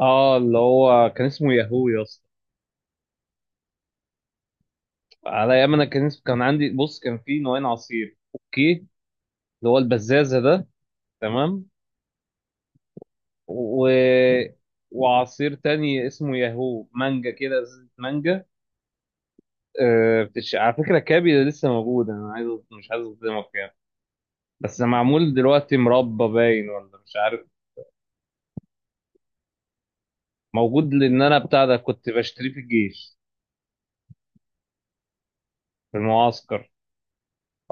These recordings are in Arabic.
اه، اللي هو كان اسمه ياهو يا اسطى. على ايام انا كان كان عندي بص، كان في نوعين عصير اوكي، اللي هو البزازه ده، تمام. و... وعصير تاني اسمه ياهو مانجا كده، ازازه مانجا. على فكره كابي ده لسه موجود، انا عايز مش عايز اصدمك يعني، بس معمول دلوقتي مربى باين ولا مش عارف. موجود، لان انا بتاع ده كنت بشتريه في الجيش، في المعسكر.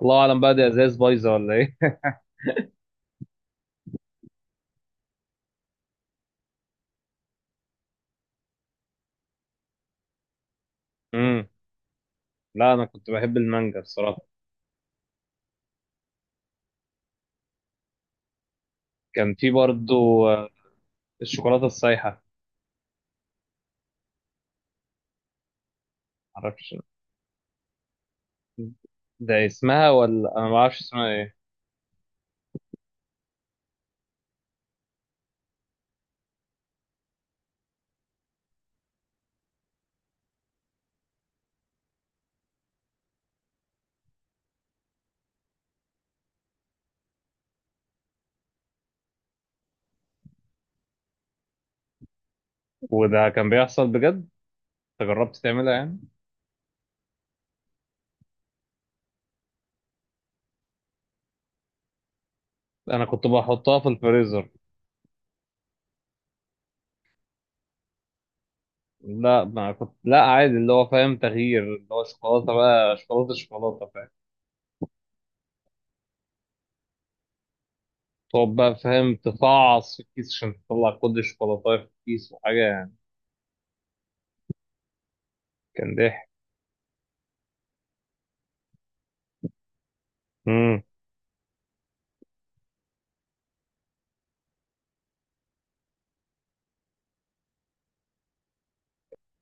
الله اعلم بقى دي ازاز بايظه ولا ايه. امم لا، انا كنت بحب المانجا الصراحه. كان في برضو الشوكولاتة السايحة. معرفش، ده اسمها ولا أنا معرفش اسمها إيه. وده كان بيحصل بجد؟ أنت جربت تعملها يعني؟ أنا كنت بحطها في الفريزر. لا ما كنت، لا عادي، اللي هو فاهم تغيير، اللي هو شوكولاتة بقى شوكولاتة فاهم. تقعد بقى فاهم تفعص في الكيس عشان تطلع كل الشوكولاتة في الكيس وحاجة يعني. كان ضحك. امم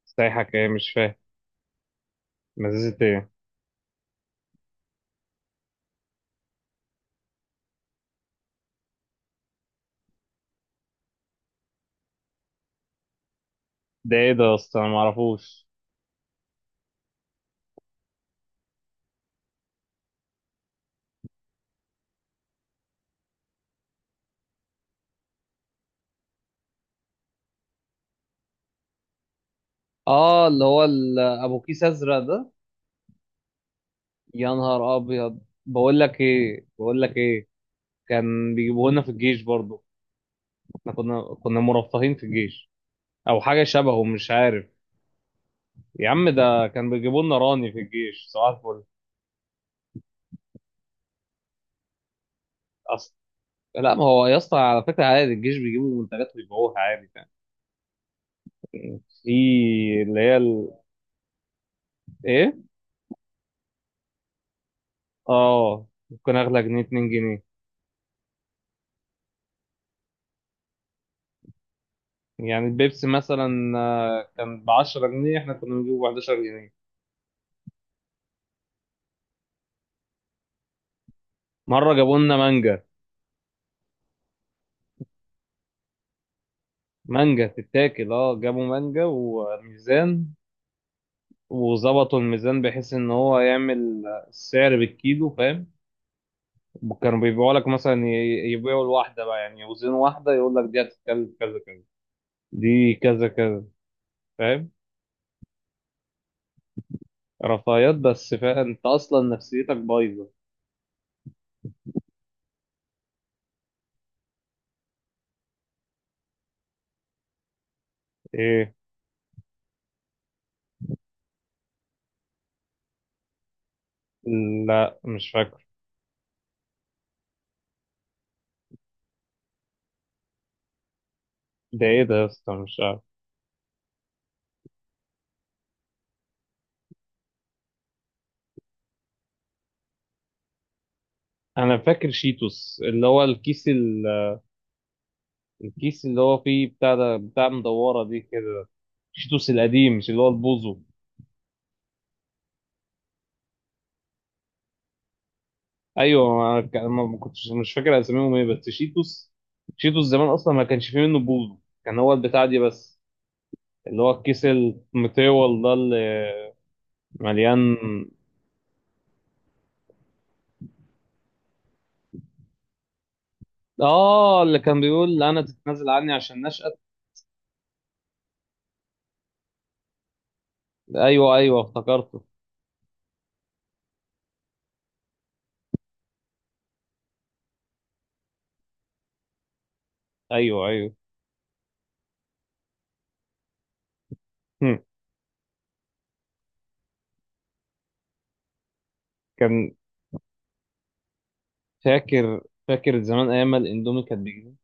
سايحة ايه؟ مش فاهم. مزازة ايه؟ ده ايه ده يا اسطى؟ انا معرفوش. اه، اللي هو ابو كيس ازرق ده. يا نهار ابيض. بقول لك ايه، بقول لك ايه، كان بيجيبوه لنا في الجيش برضه. احنا كنا مرفهين في الجيش، او حاجه شبهه مش عارف. يا عم، ده كان بيجيبوا لنا راني في الجيش صباح الفل. اصل لا، ما هو يا اسطى على فكره عادي الجيش بيجيبوا منتجات ويبيعوها عادي يعني. في اللي هي ايه، اه ممكن اغلى جنيه، 2 جنيه يعني. البيبسي مثلا كان ب 10 جنيه، احنا كنا بنجيبه ب 11 جنيه. مره جابوا لنا مانجا. مانجا تتاكل، اه جابوا مانجا وميزان، وظبطوا الميزان بحيث ان هو يعمل السعر بالكيلو فاهم. كانوا بيبيعوا لك مثلا يبيعوا الواحده بقى يعني، يوزنوا واحده يقول لك دي هتتكلف كذا كذا، دي كذا كذا، فاهم. رفاهيات بس، فا انت اصلا نفسيتك بايظه. ايه؟ لا مش فاكر. ده ايه ده يا اسطى؟ مش عارف. انا فاكر شيتوس، اللي هو الكيس الكيس اللي هو فيه بتاع ده، بتاع مدوره دي كده. شيتوس القديم مش اللي هو البوزو. ايوه، انا ما كنتش مش فاكر اساميهم ايه، بس شيتوس. شيتوس زمان اصلا ما كانش فيه منه بوز، كان هو البتاع دي بس، اللي هو الكيس المطول ده اللي مليان. اه، اللي كان بيقول انا تتنازل عني عشان نشأت. ايوه، ايوه افتكرته. ايوه، ايوه. هم. كان فاكر، فاكر زمان ايام ما الاندومي كان بجنيه.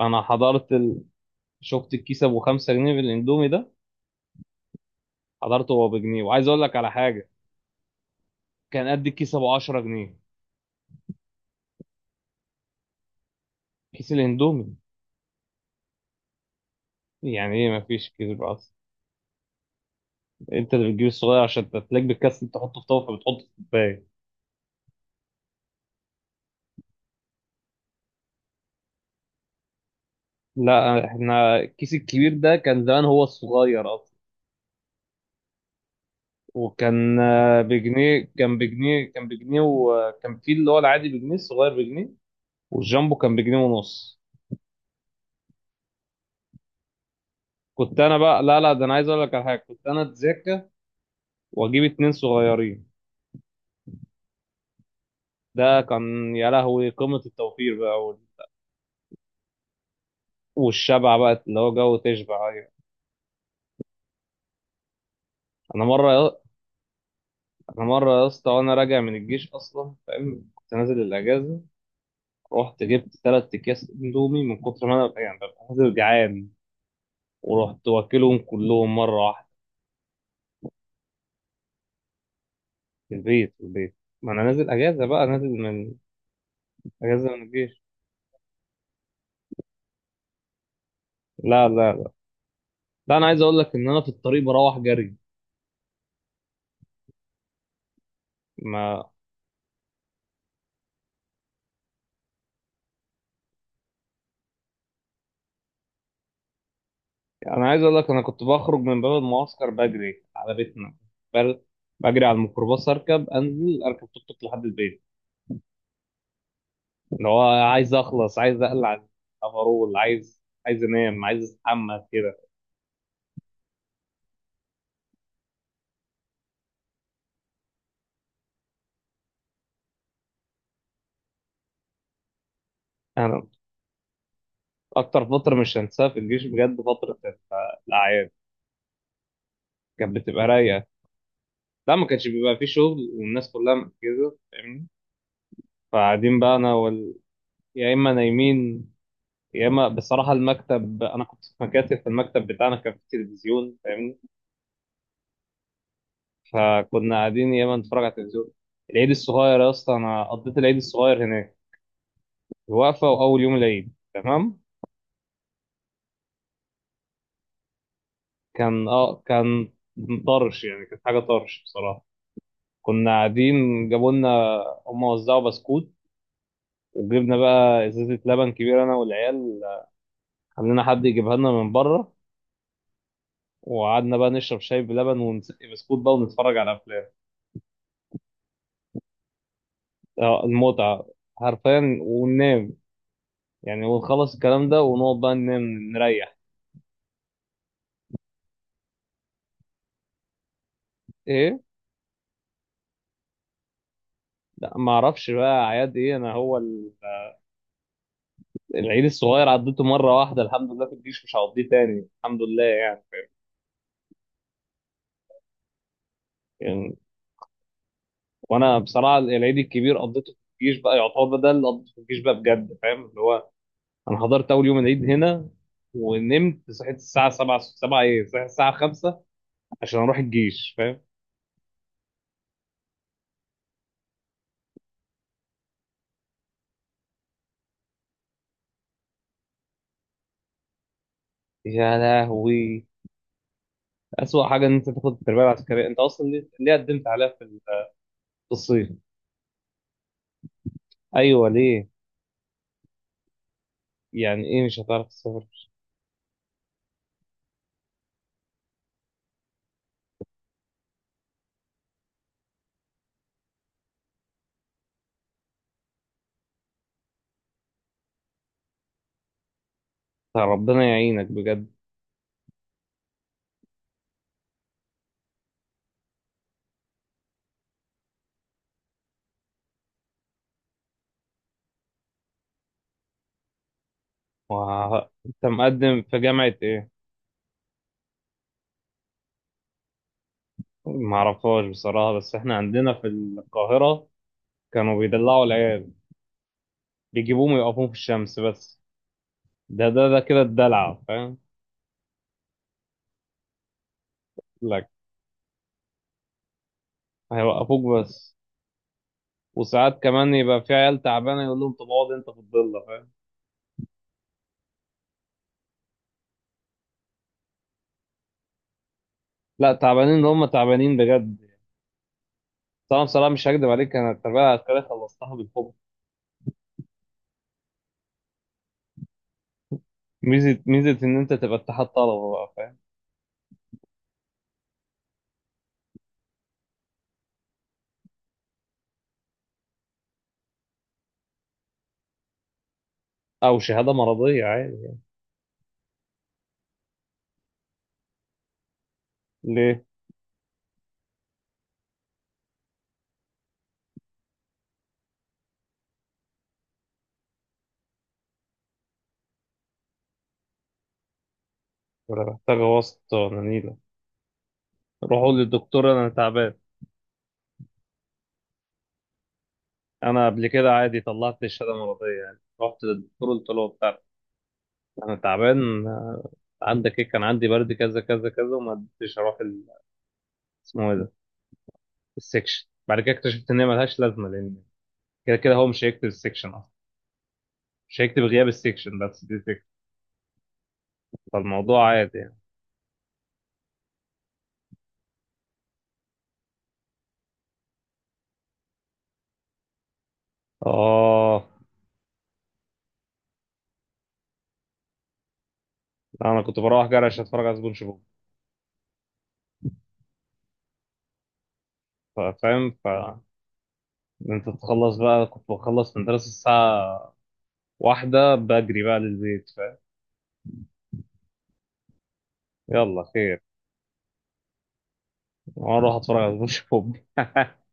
انا حضرت شفت الكيس ابو 5 جنيه بالاندومي ده. حضرته هو بجنيه، وعايز اقول لك على حاجه، كان قد الكيس ابو 10 جنيه. كيس الاندومي. يعني ايه مفيش كذب اصلا! انت اللي بتجيب الصغير عشان تلاقي بالكاس انت تحطه في طاوله فبتحطه في الكوبايه. لا، احنا الكيس الكبير ده كان زمان هو الصغير اصلا. وكان بجنيه، كان بجنيه كان بجنيه وكان في اللي هو العادي بجنيه، الصغير بجنيه. والجامبو كان بجنيه ونص. كنت انا بقى، لا ده انا عايز اقول لك على حاجه، كنت انا اتذاكى واجيب 2 صغيرين. ده كان يا لهوي قمه التوفير بقى والشبع بقى، اللي هو جو تشبع ايوه. انا مره انا مره يا اسطى وانا راجع من الجيش اصلا فاهم، كنت نازل الاجازه. رحت جبت 3 اكياس اندومي من كتر ما انا يعني ببقى نازل جعان، ورحت واكلهم كلهم مره واحده. في البيت، ما انا نازل اجازه بقى، نازل من اجازه من الجيش. لا لا لا لا، انا عايز اقول لك ان انا في الطريق بروح جري. ما يعني انا عايز اقول لك انا كنت بخرج من باب المعسكر بجري على بيتنا. بل- بجري على الميكروباص، اركب انزل، اركب توك توك لحد البيت. اللي هو عايز اخلص، عايز اقلع الافرول، عايز انام، عايز استحمى كده. انا اكتر فتره مش هنساها في الجيش بجد، فتره الاعياد، كانت بتبقى رايقه. لا، ما كانش بيبقى فيه شغل والناس كلها مركزه فاهمني. فقاعدين بقى انا يا اما نايمين، يا اما بصراحه المكتب، انا كنت في مكاتب، في المكتب بتاعنا كان في تلفزيون فاهمني. فكنا قاعدين يا اما نتفرج على التلفزيون. العيد الصغير يا اسطى، انا قضيت العيد الصغير هناك. الوقفه واول يوم العيد تمام. كان طرش يعني، كانت حاجه طرش بصراحه. كنا قاعدين، جابوا لنا، هم وزعوا بسكوت، وجبنا بقى ازازه لبن كبيره انا والعيال، خلينا حد يجيبها لنا من بره. وقعدنا بقى نشرب شاي بلبن، ونسقي بسكوت بقى، ونتفرج على افلام. اه المتعه، حرفيا وننام يعني. ونخلص الكلام ده، ونقعد بقى ننام، نريح. ايه؟ لا، ما اعرفش بقى اعياد ايه، انا هو العيد الصغير عديته مره واحده الحمد لله في الجيش، مش هعديه تاني الحمد لله يعني، يعني وانا بصراحه العيد الكبير قضيته في الجيش بقى، يعتبر ده اللي قضيته في الجيش بقى بجد فاهم، اللي هو انا حضرت اول يوم العيد هنا، ونمت صحيت الساعه 7، 7 ايه، صحيت الساعه 5 عشان اروح الجيش فاهم. يا لهوي، اسوأ حاجه ان انت تاخد التربيه العسكريه. انت اصلا ليه قدمت عليها في في الصيف؟ ايوه ليه؟ يعني ايه مش هتعرف تسافر؟ ربنا يعينك بجد. انت مقدم في جامعه ايه؟ ما اعرفهاش بصراحه، بس احنا عندنا في القاهره كانوا بيدلعوا العيال، بيجيبوهم يوقفوهم في الشمس بس. ده كده الدلع فاهم. لك، هيوقفوك بس. وساعات كمان يبقى في عيال تعبانه يقول لهم طب اقعد انت في الضله فاهم. لا، تعبانين اللي هم تعبانين بجد. طبعا بصراحه مش هكدب عليك، انا التربيه العسكريه خلصتها بالحب. ميزه ان انت تبقى اتحاد طلبه بقى فاهم، او شهاده مرضيه عادي. ليه؟ ولا محتاجه واسطه ولا نيله. روحوا للدكتور انا تعبان. انا قبل كده عادي طلعت الشهاده مرضيه يعني، رحت للدكتور قلت له بتاع انا تعبان. عندك ايه؟ كان عندي برد كذا كذا كذا، وما قدرتش اروح اسمه ايه ده، السكشن. بعد كده اكتشفت ان هي ملهاش لازمه، لان كده كده هو مش هيكتب السكشن اصلا، مش هيكتب غياب السكشن، بس دي فكره. فالموضوع عادي يعني. اه، انا كنت بروح جرش اتفرج على سبونج بوب. فاهم. انت تخلص بقى، كنت بخلص من دراسة الساعة واحدة بجري بقى للبيت فاهم. يلا خير، واروح اتفرج على سبونج بوب